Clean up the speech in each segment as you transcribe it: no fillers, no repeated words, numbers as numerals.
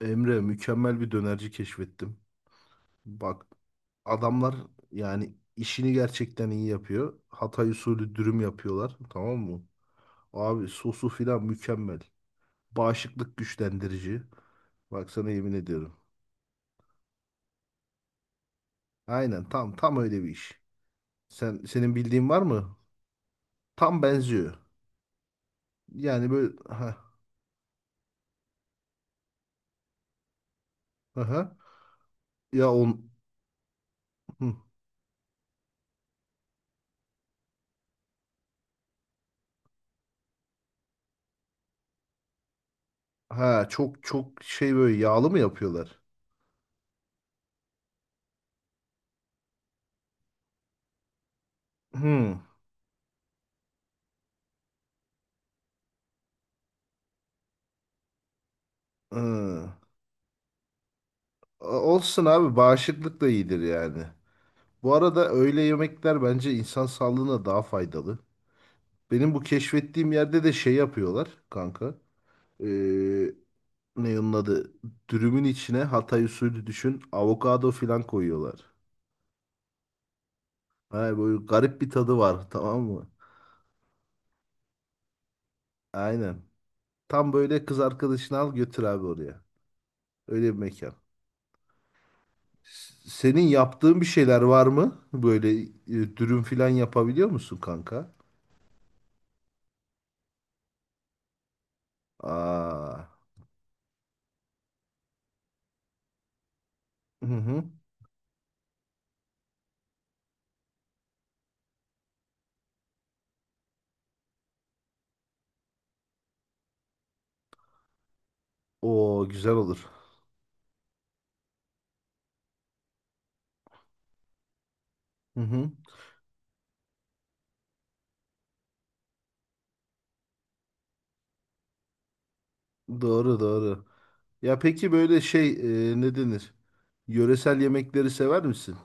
Emre, mükemmel bir dönerci keşfettim. Bak adamlar yani işini gerçekten iyi yapıyor. Hatay usulü dürüm yapıyorlar, tamam mı? Abi sosu filan mükemmel. Bağışıklık güçlendirici. Bak sana yemin ediyorum. Aynen tam öyle bir iş. Senin bildiğin var mı? Tam benziyor. Yani böyle ha ha ha. ya on hı. Ha çok şey, böyle yağlı mı yapıyorlar? Hı. Hı. Olsun abi, bağışıklık da iyidir yani. Bu arada öğle yemekler bence insan sağlığına daha faydalı. Benim bu keşfettiğim yerde de şey yapıyorlar kanka. Ee, ne onun adı? Dürümün içine Hatay usulü düşün. Avokado filan koyuyorlar. Ha, böyle garip bir tadı var tamam mı? Aynen. Tam böyle kız arkadaşını al götür abi oraya. Öyle bir mekan. Senin yaptığın bir şeyler var mı? Böyle dürüm filan yapabiliyor musun kanka? Aa. Hı hı. O güzel olur. Hı hı. Doğru doğru. Ya peki böyle şey, ne denir? Yöresel yemekleri sever misin?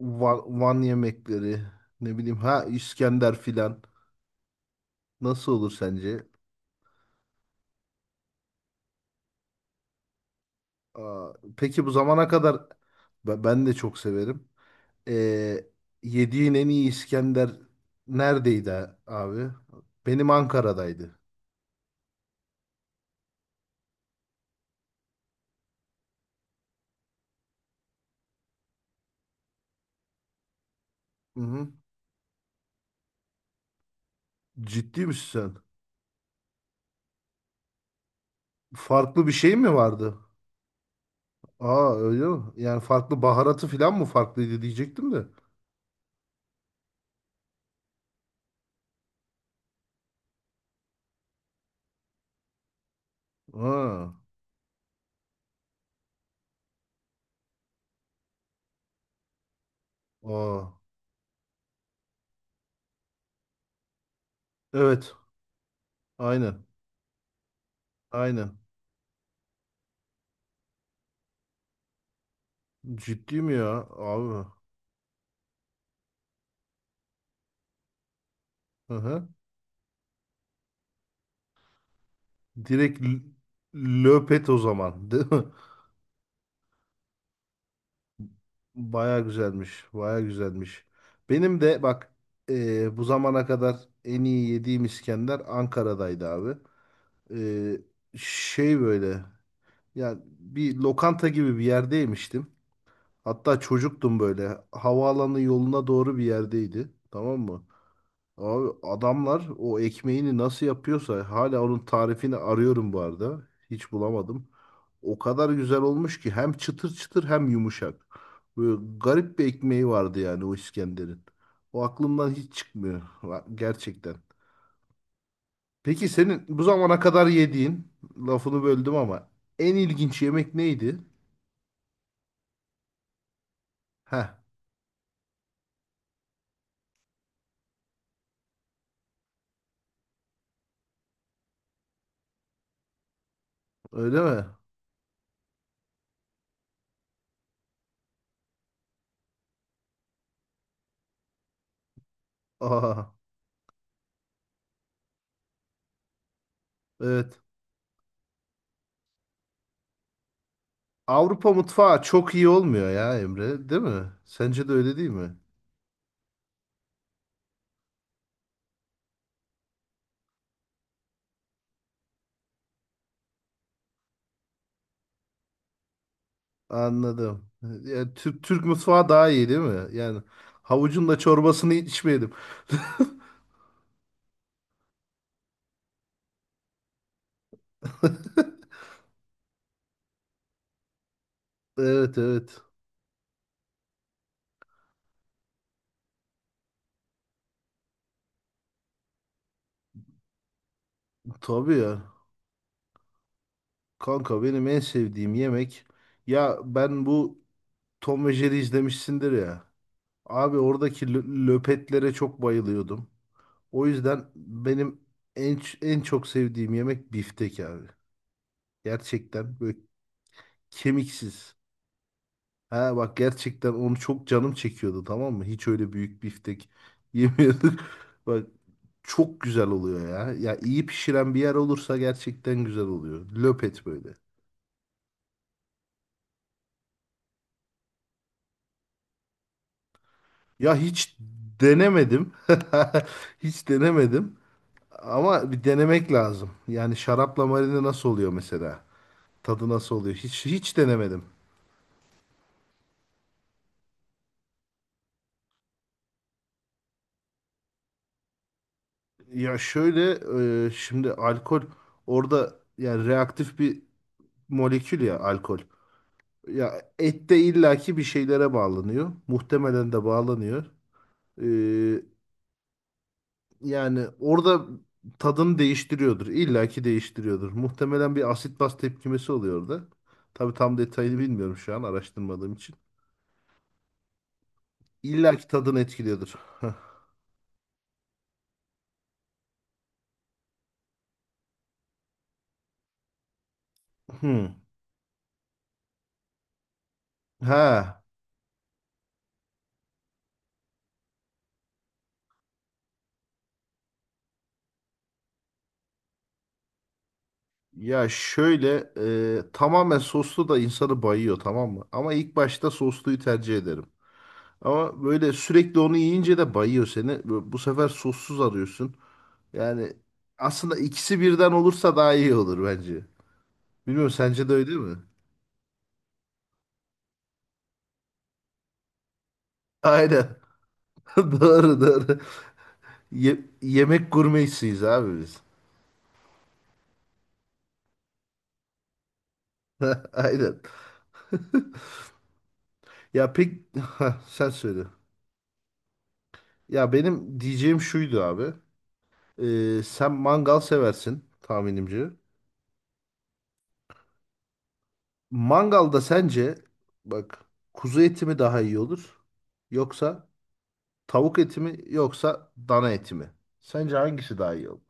Van, Van yemekleri, ne bileyim ha, İskender filan. Nasıl olur sence? Aa, peki bu zamana kadar ben de çok severim. Ee, yediğin en iyi İskender neredeydi abi? Benim Ankara'daydı. Hı hı. Ciddi misin sen? Farklı bir şey mi vardı? Aa öyle mi? Yani farklı baharatı filan mı farklıydı diyecektim de. Ha. Aa, evet. Aynen. Aynen. Ciddi mi ya abi? Hı hı. Direkt löpet o zaman, değil mi? Baya güzelmiş. Baya güzelmiş. Benim de bak, bu zamana kadar en iyi yediğim İskender Ankara'daydı abi. E, şey böyle, yani bir lokanta gibi bir yerdeymiştim. Hatta çocuktum böyle. Havaalanı yoluna doğru bir yerdeydi. Tamam mı? Abi adamlar o ekmeğini nasıl yapıyorsa hala onun tarifini arıyorum bu arada. Hiç bulamadım. O kadar güzel olmuş ki hem çıtır çıtır hem yumuşak. Böyle garip bir ekmeği vardı yani o İskender'in. O aklımdan hiç çıkmıyor gerçekten. Peki senin bu zamana kadar yediğin, lafını böldüm ama, en ilginç yemek neydi? Heh, öyle mi? Aa, evet. Avrupa mutfağı çok iyi olmuyor ya Emre, değil mi? Sence de öyle değil mi? Anladım. Ya, Türk mutfağı daha iyi değil mi? Yani havucun da çorbasını içmeyelim. Evet evet. Tabii ya. Kanka benim en sevdiğim yemek. Ya ben bu Tom ve Jerry izlemişsindir ya. Abi oradaki löpetlere çok bayılıyordum. O yüzden benim en çok sevdiğim yemek biftek abi. Gerçekten böyle kemiksiz. Ha bak, gerçekten onu çok canım çekiyordu tamam mı? Hiç öyle büyük biftek yemiyorduk. Bak çok güzel oluyor ya. Ya iyi pişiren bir yer olursa gerçekten güzel oluyor. Löpet böyle. Ya hiç denemedim. Hiç denemedim. Ama bir denemek lazım. Yani şarapla marine nasıl oluyor mesela? Tadı nasıl oluyor? Hiç denemedim. Ya şöyle, şimdi alkol orada yani reaktif bir molekül ya, alkol. Ya ette illaki bir şeylere bağlanıyor. Muhtemelen de bağlanıyor. Ee, yani orada tadını değiştiriyordur. İllaki değiştiriyordur. Muhtemelen bir asit baz tepkimesi oluyor orada. Tabii tam detayını bilmiyorum şu an araştırmadığım için. İllaki tadını etkiliyordur. Heh. Hmm. Ha. Ya şöyle, tamamen soslu da insanı bayıyor tamam mı? Ama ilk başta sosluyu tercih ederim. Ama böyle sürekli onu yiyince de bayıyor seni. Bu sefer sossuz arıyorsun. Yani aslında ikisi birden olursa daha iyi olur bence. Bilmiyorum, sence de öyle değil mi? Aynen. Doğru doğru. Yemek gurmesiyiz abi biz. Aynen. Ya pek Ha, sen söyle. Ya benim diyeceğim şuydu abi. Sen mangal seversin tahminimce. Mangalda sence bak, kuzu eti mi daha iyi olur? Yoksa tavuk eti mi, yoksa dana eti mi? Sence hangisi daha iyi olur?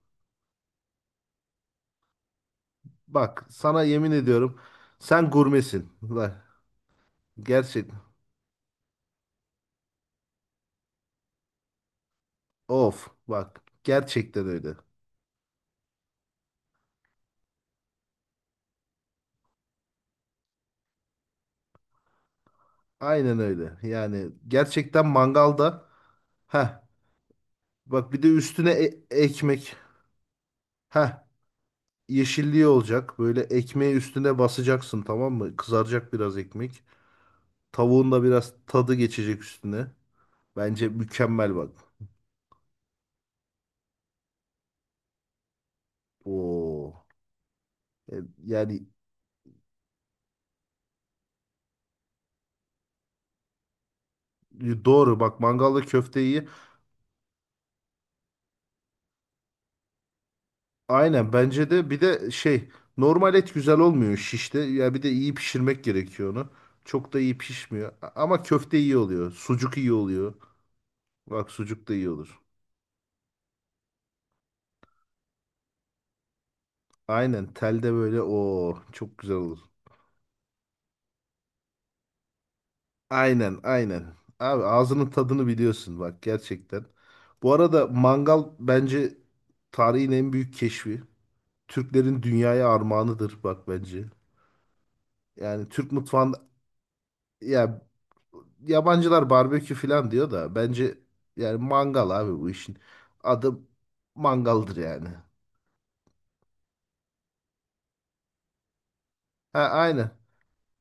Bak sana yemin ediyorum, sen gurmesin. Bak gerçek, of bak, gerçekten öyle. Aynen öyle. Yani gerçekten mangalda, ha bak, bir de üstüne ekmek. Ha, yeşilliği olacak. Böyle ekmeği üstüne basacaksın tamam mı? Kızaracak biraz ekmek. Tavuğun da biraz tadı geçecek üstüne. Bence mükemmel bak. Oo. E, Yani doğru bak, mangalda köfteyi aynen, bence de bir de şey, normal et güzel olmuyor şişte. Ya bir de iyi pişirmek gerekiyor onu. Çok da iyi pişmiyor. Ama köfte iyi oluyor. Sucuk iyi oluyor. Bak sucuk da iyi olur. Aynen telde böyle o çok güzel olur. Aynen aynen. Abi ağzının tadını biliyorsun bak, gerçekten. Bu arada mangal bence tarihin en büyük keşfi. Türklerin dünyaya armağanıdır bak bence. Yani Türk mutfağında, ya yabancılar barbekü falan diyor da, bence yani mangal abi, bu işin adı mangaldır yani. Ha aynen.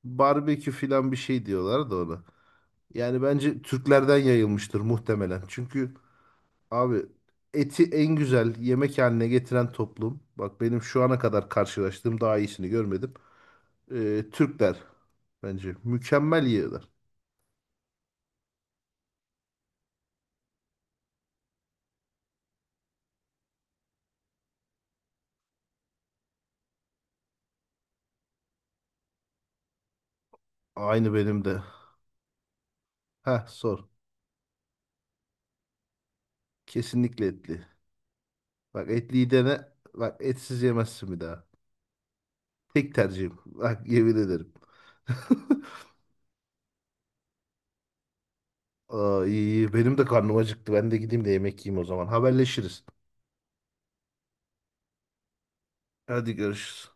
Barbekü falan bir şey diyorlar da ona. Yani bence Türklerden yayılmıştır muhtemelen. Çünkü abi eti en güzel yemek haline getiren toplum. Bak benim şu ana kadar karşılaştığım daha iyisini görmedim. Türkler bence mükemmel yiyorlar. Aynı benim de. Ha sor. Kesinlikle etli. Bak etliyi dene. Bak etsiz yemezsin bir daha. Tek tercihim. Bak yemin ederim. Ay, benim de karnım acıktı. Ben de gideyim de yemek yiyeyim o zaman. Haberleşiriz. Hadi görüşürüz.